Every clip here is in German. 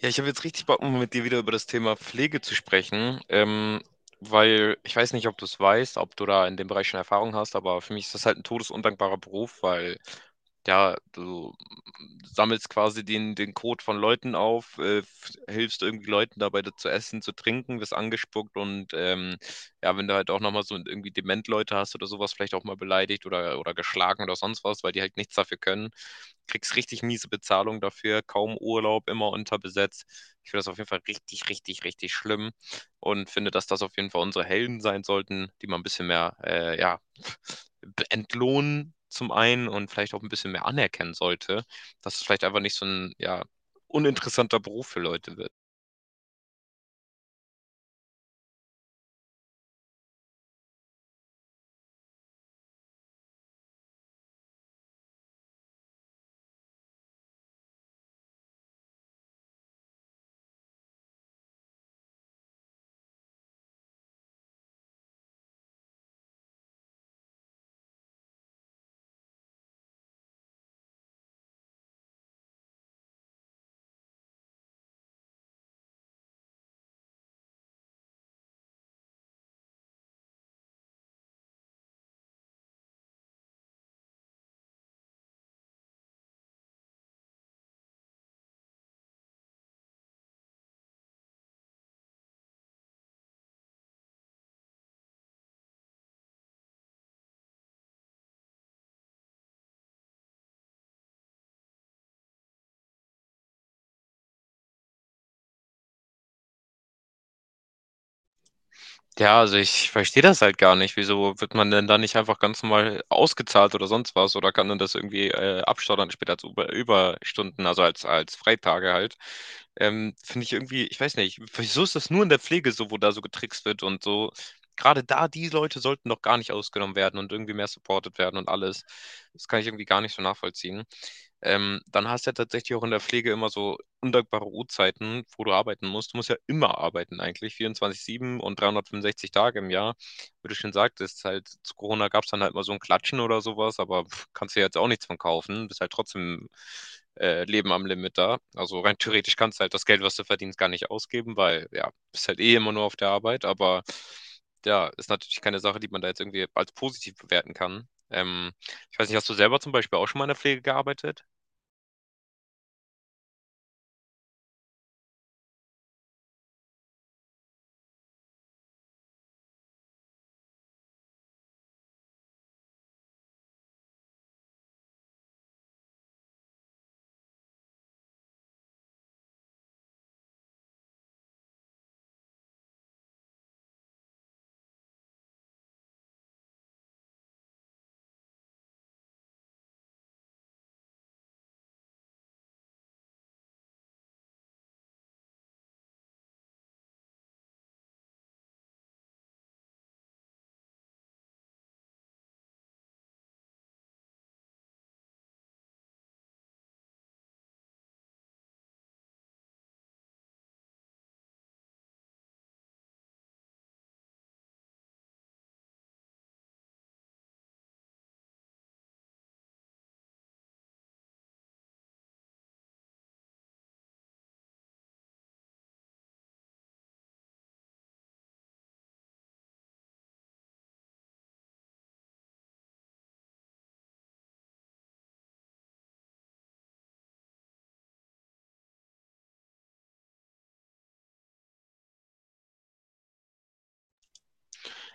Ja, ich habe jetzt richtig Bock, mit dir wieder über das Thema Pflege zu sprechen, weil ich weiß nicht, ob du es weißt, ob du da in dem Bereich schon Erfahrung hast, aber für mich ist das halt ein todesundankbarer Beruf, weil ja, du sammelst quasi den Kot von Leuten auf, hilfst irgendwie Leuten dabei, das zu essen, zu trinken, wirst angespuckt und ja, wenn du halt auch nochmal so irgendwie Dement-Leute hast oder sowas, vielleicht auch mal beleidigt oder geschlagen oder sonst was, weil die halt nichts dafür können, kriegst richtig miese Bezahlung dafür, kaum Urlaub, immer unterbesetzt. Ich finde das auf jeden Fall richtig, richtig, richtig schlimm und finde, dass das auf jeden Fall unsere Helden sein sollten, die mal ein bisschen mehr, ja, entlohnen zum einen und vielleicht auch ein bisschen mehr anerkennen sollte, dass es vielleicht einfach nicht so ein, ja, uninteressanter Beruf für Leute. Ja, also ich verstehe das halt gar nicht. Wieso wird man denn da nicht einfach ganz normal ausgezahlt oder sonst was? Oder kann man das irgendwie abstottern später als Überstunden, also als Freitage halt? Finde ich irgendwie, ich weiß nicht, wieso ist das nur in der Pflege so, wo da so getrickst wird und so? Gerade da, die Leute sollten doch gar nicht ausgenommen werden und irgendwie mehr supported werden und alles. Das kann ich irgendwie gar nicht so nachvollziehen. Dann hast du ja tatsächlich auch in der Pflege immer so untragbare Uhrzeiten, wo du arbeiten musst. Du musst ja immer arbeiten eigentlich, 24/7 und 365 Tage im Jahr. Würde ich schon sagen, das ist halt zu Corona gab es dann halt immer so ein Klatschen oder sowas. Aber pff, kannst du jetzt auch nichts von kaufen. Bist halt trotzdem leben am Limit da. Also rein theoretisch kannst du halt das Geld, was du verdienst, gar nicht ausgeben, weil ja, bist halt eh immer nur auf der Arbeit. Aber ja, ist natürlich keine Sache, die man da jetzt irgendwie als positiv bewerten kann. Ich weiß nicht, hast du selber zum Beispiel auch schon mal in der Pflege gearbeitet?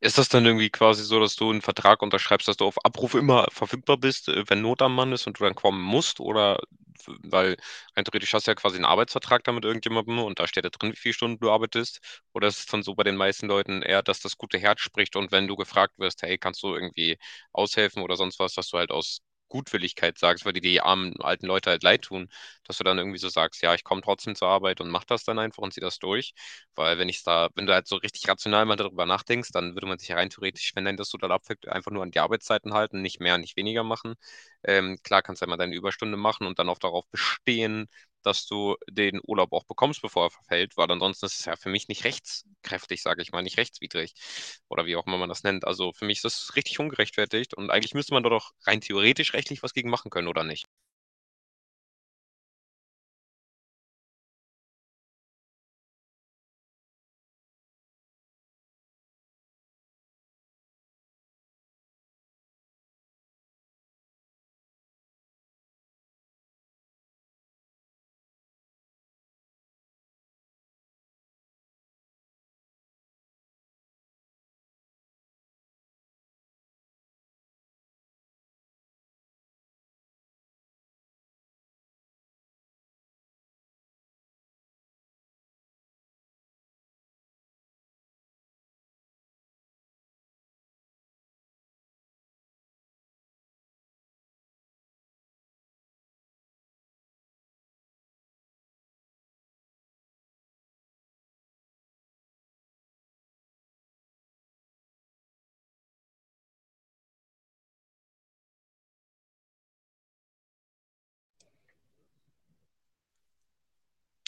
Ist das dann irgendwie quasi so, dass du einen Vertrag unterschreibst, dass du auf Abruf immer verfügbar bist, wenn Not am Mann ist und du dann kommen musst? Oder w weil rein theoretisch hast du ja quasi einen Arbeitsvertrag da mit irgendjemandem und da steht da drin, wie viele Stunden du arbeitest? Oder ist es dann so bei den meisten Leuten eher, dass das gute Herz spricht und wenn du gefragt wirst: „Hey, kannst du irgendwie aushelfen oder sonst was“, dass du halt aus Gutwilligkeit sagst, weil dir die armen alten Leute halt leid tun, dass du dann irgendwie so sagst: „Ja, ich komme trotzdem zur Arbeit und mache das dann einfach und ziehe das durch“? Weil wenn ich da, wenn du halt so richtig rational mal darüber nachdenkst, dann würde man sich ja rein theoretisch, wenn dein das total abfällt, einfach nur an die Arbeitszeiten halten, nicht mehr, nicht weniger machen. Klar kannst du einmal deine Überstunde machen und dann auch darauf bestehen, dass du den Urlaub auch bekommst, bevor er verfällt, weil ansonsten ist es ja für mich nicht rechtskräftig, sage ich mal, nicht rechtswidrig oder wie auch immer man das nennt. Also für mich ist das richtig ungerechtfertigt und eigentlich müsste man da doch rein theoretisch rechtlich was gegen machen können, oder nicht?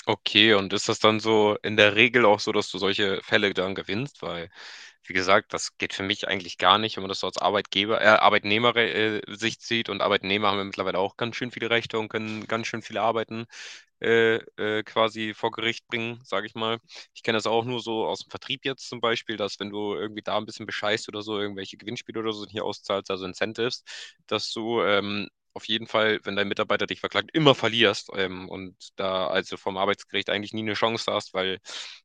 Okay, und ist das dann so in der Regel auch so, dass du solche Fälle dann gewinnst? Weil, wie gesagt, das geht für mich eigentlich gar nicht, wenn man das so als Arbeitgeber, Arbeitnehmer, Sicht sieht. Und Arbeitnehmer haben ja mittlerweile auch ganz schön viele Rechte und können ganz schön viele Arbeiten quasi vor Gericht bringen, sage ich mal. Ich kenne das auch nur so aus dem Vertrieb jetzt zum Beispiel, dass wenn du irgendwie da ein bisschen bescheißt oder so, irgendwelche Gewinnspiele oder so hier auszahlst, also Incentives, dass du auf jeden Fall, wenn dein Mitarbeiter dich verklagt, immer verlierst und da also vom Arbeitsgericht eigentlich nie eine Chance hast, weil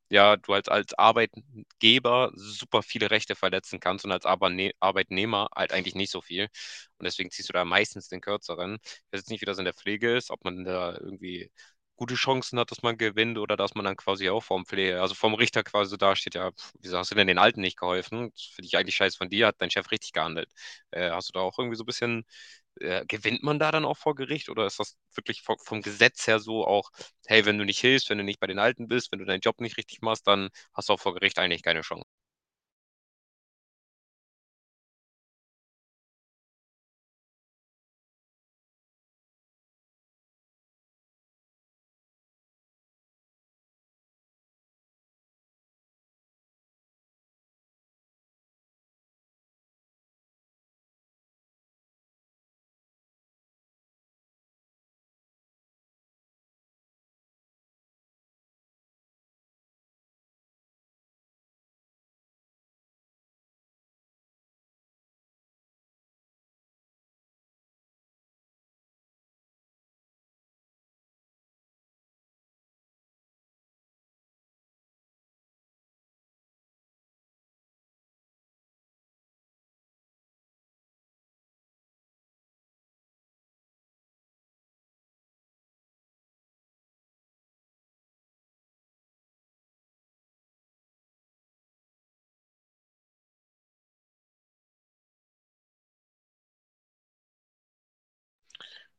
ja, du halt als Arbeitgeber super viele Rechte verletzen kannst und als Arbeitnehmer halt eigentlich nicht so viel. Und deswegen ziehst du da meistens den Kürzeren. Ich weiß jetzt nicht, wie das in der Pflege ist, ob man da irgendwie gute Chancen hat, dass man gewinnt oder dass man dann quasi auch vom Pflege, also vom Richter quasi so dasteht, ja, pf, wieso hast du denn den Alten nicht geholfen? Das finde ich eigentlich scheiße von dir, hat dein Chef richtig gehandelt. Hast du da auch irgendwie so ein bisschen gewinnt man da dann auch vor Gericht oder ist das wirklich vom Gesetz her so auch, hey, wenn du nicht hilfst, wenn du nicht bei den Alten bist, wenn du deinen Job nicht richtig machst, dann hast du auch vor Gericht eigentlich keine Chance.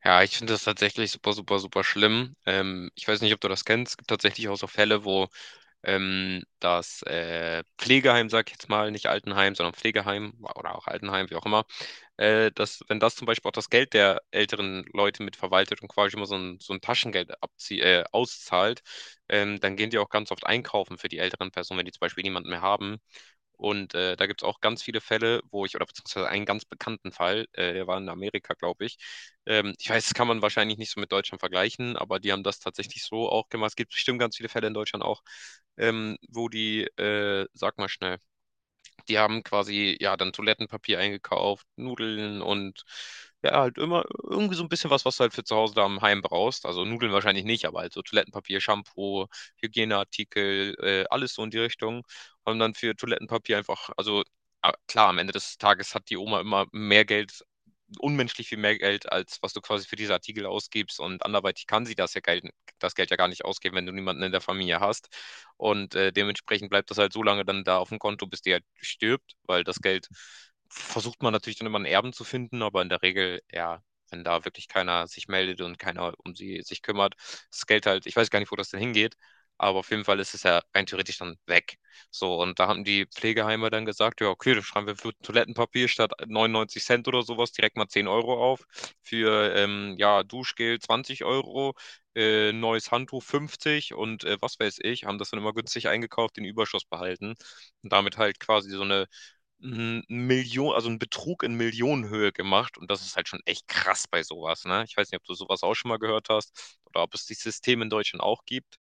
Ja, ich finde das tatsächlich super, super, super schlimm. Ich weiß nicht, ob du das kennst. Es gibt tatsächlich auch so Fälle, wo das Pflegeheim, sag ich jetzt mal, nicht Altenheim, sondern Pflegeheim oder auch Altenheim, wie auch immer, dass, wenn das zum Beispiel auch das Geld der älteren Leute mitverwaltet und quasi immer so ein Taschengeld abzie auszahlt, dann gehen die auch ganz oft einkaufen für die älteren Personen, wenn die zum Beispiel niemanden mehr haben. Und da gibt es auch ganz viele Fälle, wo ich, oder beziehungsweise einen ganz bekannten Fall, der war in Amerika, glaube ich. Ich weiß, das kann man wahrscheinlich nicht so mit Deutschland vergleichen, aber die haben das tatsächlich so auch gemacht. Es gibt bestimmt ganz viele Fälle in Deutschland auch, wo die, sag mal schnell, die haben quasi ja dann Toilettenpapier eingekauft, Nudeln und ja, halt immer irgendwie so ein bisschen was, was du halt für zu Hause da im Heim brauchst. Also Nudeln wahrscheinlich nicht, aber halt so Toilettenpapier, Shampoo, Hygieneartikel, alles so in die Richtung. Haben dann für Toilettenpapier einfach, also ah, klar, am Ende des Tages hat die Oma immer mehr Geld, unmenschlich viel mehr Geld, als was du quasi für diese Artikel ausgibst. Und anderweitig kann sie das ja Geld, das Geld ja gar nicht ausgeben, wenn du niemanden in der Familie hast. Und dementsprechend bleibt das halt so lange dann da auf dem Konto, bis die halt stirbt, weil das Geld versucht man natürlich dann immer einen Erben zu finden, aber in der Regel, ja, wenn da wirklich keiner sich meldet und keiner um sie sich kümmert, das Geld halt, ich weiß gar nicht, wo das denn hingeht, aber auf jeden Fall ist es ja rein theoretisch dann weg. So, und da haben die Pflegeheime dann gesagt, ja, okay, dann schreiben wir für Toilettenpapier statt 99 Cent oder sowas direkt mal 10 € auf, für ja, Duschgel 20 € neues Handtuch 50 und was weiß ich, haben das dann immer günstig eingekauft, den Überschuss behalten und damit halt quasi so eine Million, also einen Betrug in Millionenhöhe gemacht und das ist halt schon echt krass bei sowas, ne? Ich weiß nicht, ob du sowas auch schon mal gehört hast oder ob es die Systeme in Deutschland auch gibt.